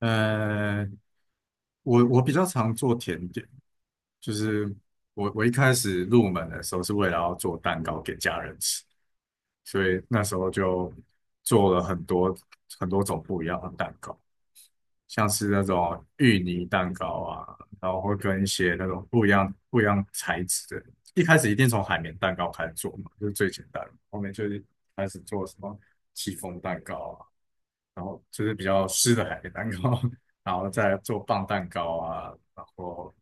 呃，我比较常做甜点，就是我一开始入门的时候是为了要做蛋糕给家人吃，所以那时候就做了很多很多种不一样的蛋糕。像是那种芋泥蛋糕啊，然后会跟一些那种不一样材质的。一开始一定从海绵蛋糕开始做嘛，就是最简单的。后面就是开始做什么戚风蛋糕啊，然后就是比较湿的海绵蛋糕，然后再做棒蛋糕啊，然后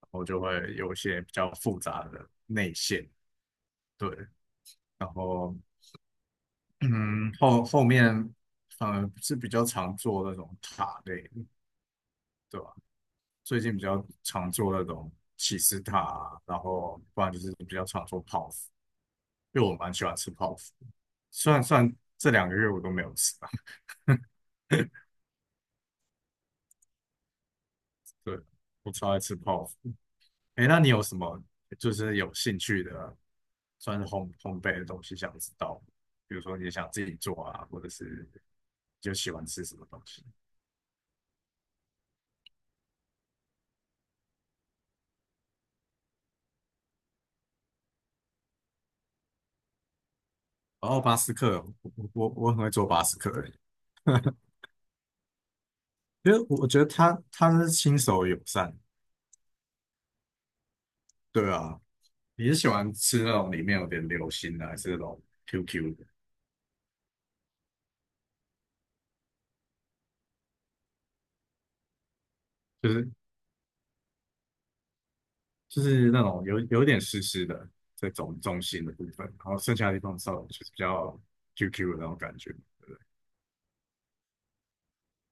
然后就会有一些比较复杂的内馅，对。然后后面反而是比较常做那种塔类的，对吧？最近比较常做那种起司塔啊，然后不然就是比较常做泡芙，因为我蛮喜欢吃泡芙。虽然这两个月我都没有吃啊，对，我超爱吃泡芙。哎，那你有什么就是有兴趣的，算是烘焙的东西想知道？比如说你想自己做啊，或者是就喜欢吃什么东西？然后巴斯克，我很会做巴斯克欸，因为我觉得他是亲手友善，对啊，你是喜欢吃那种里面有点流心的，还是那种 QQ 的？就是就是那种有点湿湿的这种中心的部分，然后剩下的地方稍微就是比较 QQ 的那种感觉。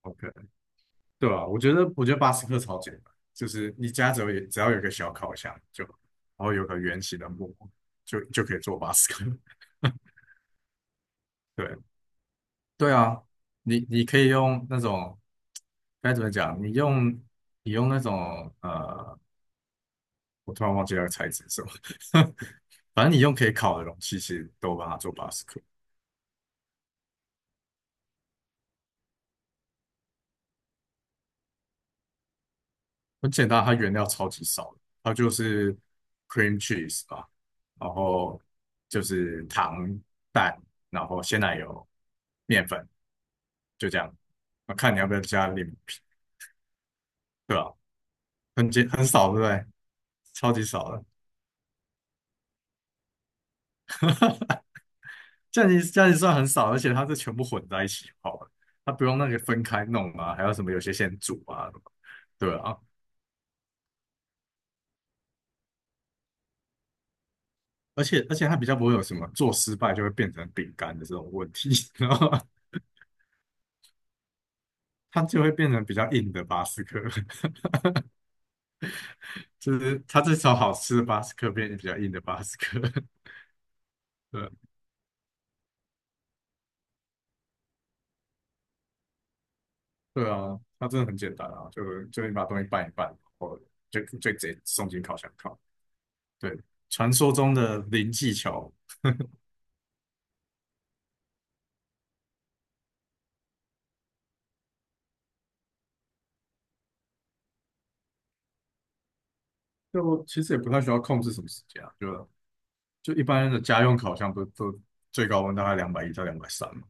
OK，对啊，我觉得巴斯克超简单，就是你家只要有一个小烤箱就，然后有个圆形的木就可以做巴斯克。对对啊，你可以用那种该怎么讲？你用那种我突然忘记那个材质是什么。反正你用可以烤的容器，其实都把它做 b a 克，u e 很简单，它原料超级少的，它就是 cream cheese 啊，然后就是糖、蛋，然后鲜奶油、面粉，就这样。那看你要不要加柠檬皮，对吧、很少，对不对？超级少的，这样你算很少，而且它是全部混在一起泡的，它不用那个分开弄啊，还有什么有些先煮啊，对啊，而且它比较不会有什么做失败就会变成饼干的这种问题，然后它就会变成比较硬的巴斯克，就是它这从好吃的巴斯克变成比较硬的巴斯克。对对啊，它真的很简单啊，就你把东西拌一拌，然后就直接送进烤箱烤。对，传说中的零技巧，就其实也不太需要控制什么时间啊，就一般的家用烤箱不是都最高温大概两百一到两百三嘛。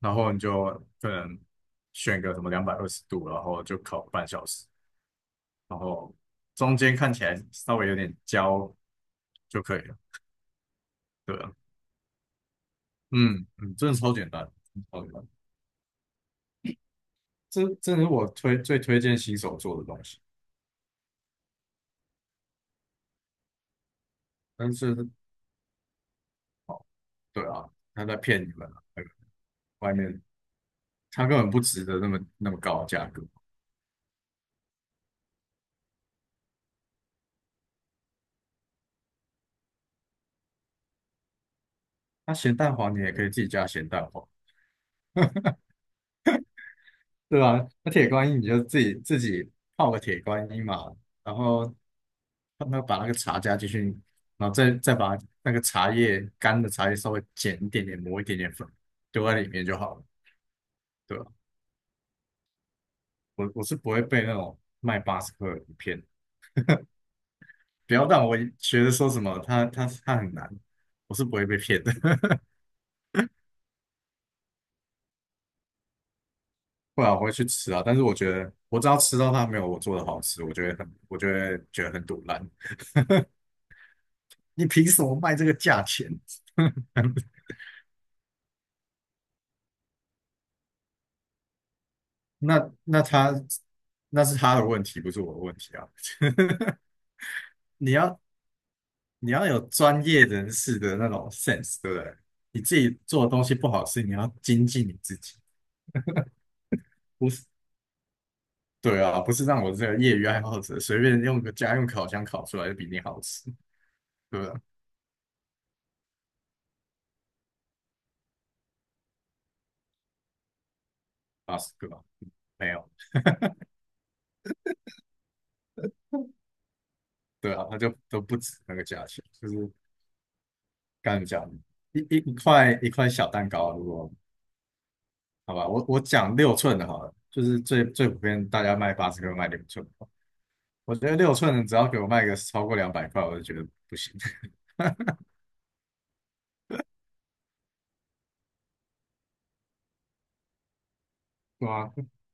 然后你就可能选个什么两百二十度，然后就烤半小时，然后中间看起来稍微有点焦就可以了。对啊，嗯嗯，真的超简单，超简单。这是我最推荐新手做的东西，但是对啊，他在骗你们啊，那个外面他根本不值得那么那么高的价格。那咸蛋黄你也可以自己加咸蛋黄，对啊，那铁观音你就自己泡个铁观音嘛，然后让它把那个茶加进去，然后再把那个茶叶干的茶叶稍微剪一点点，磨一点点粉，丢在里面就好了，对吧？我是不会被那种卖八十克的骗，不要让我觉得说什么他很难，我是不会被骗的，不然我会去吃啊。但是我觉得我只要吃到它没有我做的好吃，我就会觉得很堵烂。你凭什么卖这个价钱？那那他那是他的问题，不是我的问题啊。你要你要有专业人士的那种 sense，对不对？你自己做的东西不好吃，你要精进你自己，不是？对啊，不是让我这个业余爱好者随便用个家用烤箱烤出来就比你好吃，对不对？八十个吧，没有，对啊，它就都不止那个价钱，就是刚才讲一块一块小蛋糕啊，如果好吧，我讲六寸的好了，就是最普遍大家卖八十个卖六寸的，我觉得六寸的只要给我卖个超过两百块，我就觉得不行。哇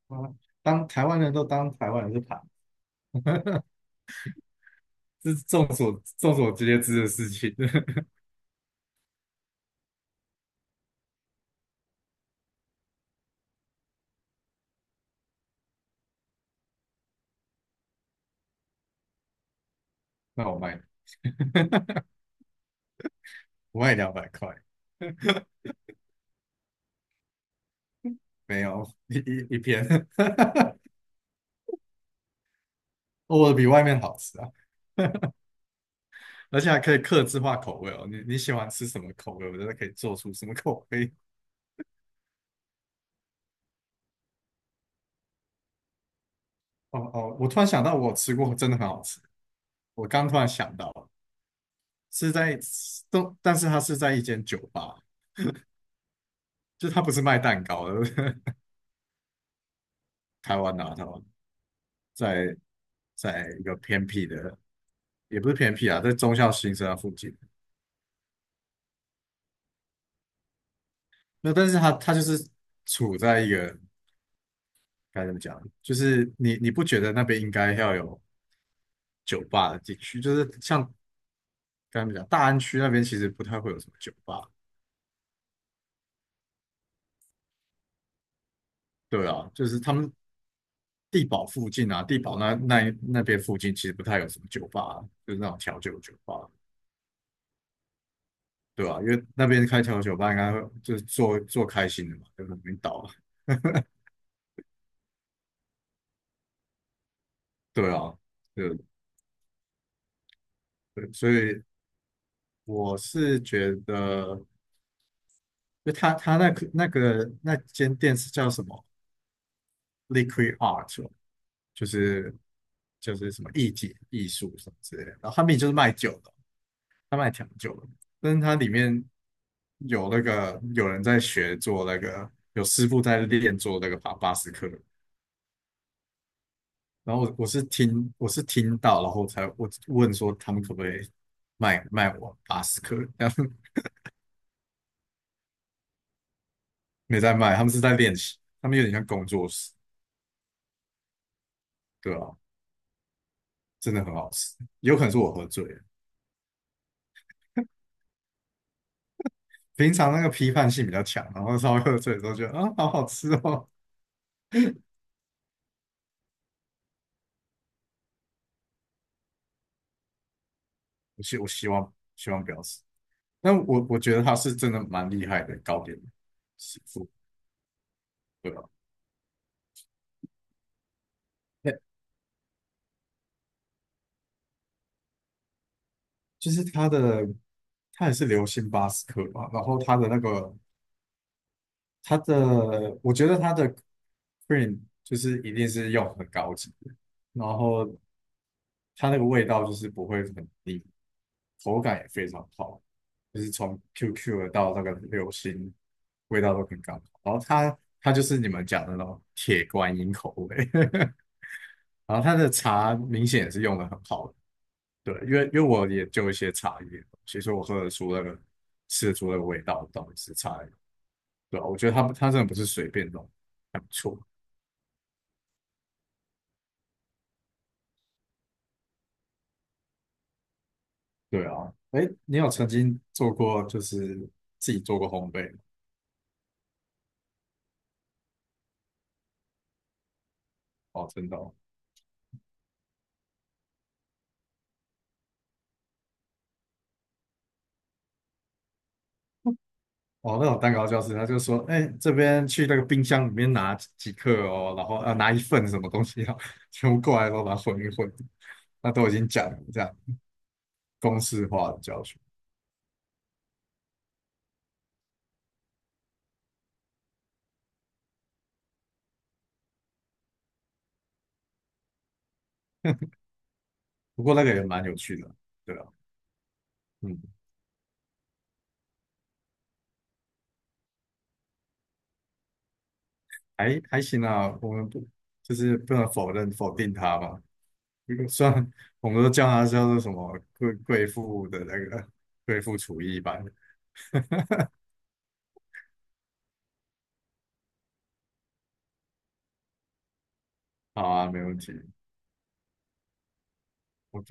哇，当台湾人都当台湾人是盘，这是众所皆知的事情。那我卖，我卖两百块，没有一片，我的比外面好吃啊，而且还可以客制化口味哦。你喜欢吃什么口味，我觉得可以做出什么口味。哦哦，我突然想到，我吃过真的很好吃。我刚突然想到，是在都，但是它是在一间酒吧，就它不是卖蛋糕的，台湾啊，台湾在在一个偏僻的，也不是偏僻啊，在中校新生那附近。那但是它就是处在一个该怎么讲，就是你不觉得那边应该要有酒吧的地区？就是像该怎么讲，大安区那边其实不太会有什么酒吧，对啊，就是他们地堡附近啊，地堡那边附近其实不太有什么酒吧，就是那种调酒酒吧，对啊，因为那边开调酒吧应该会就是做做开心的嘛，就是领导，对啊，对对，所以我是觉得，就他那个那间店是叫什么 Liquid Art，哦就是什么艺体艺术什么之类的。然后他们就是卖酒的，他卖调酒的，但是它里面有那个有人在学做那个，有师傅在练做那个巴斯克。然后我是听到，然后才我问说他们可不可以卖我巴斯克，然后没在卖，他们是在练习，他们有点像工作室。对啊，真的很好吃，有可能是我喝醉了。平常那个批判性比较强，然后稍微喝醉的时候觉得啊，好好吃哦。我希望不要死，但我觉得它是真的蛮厉害的糕点师傅，对吧？哎，就是它的，它也是流心巴斯克嘛，然后它的那个它的，我觉得它的 cream 就是一定是用很高级的，然后它那个味道就是不会很腻，口感也非常好，就是从 QQ 的到那个流心，味道都很刚好。然后它就是你们讲的那种铁观音口味，然后它的茶明显也是用的很好的，对，因为我也就一些茶叶的东西其实我喝得出那个吃得出那个味道到底是茶叶，对啊，我觉得它真的不是随便弄，还不错。对啊，哎，你有曾经做过就是自己做过烘焙吗？哦，真的哦。哦，那种蛋糕教室，他就说，哎、这边去那个冰箱里面拿几克哦，然后啊拿一份什么东西啊，全部过来都把它混一混，那都已经讲了这样公式化的教学。不过那个也蛮有趣的，对啊，嗯，还行啊，我们不就是不能否定他嘛，因为虽然我们都叫他叫做什么贵妇的那个贵妇厨艺班，好啊，没问题。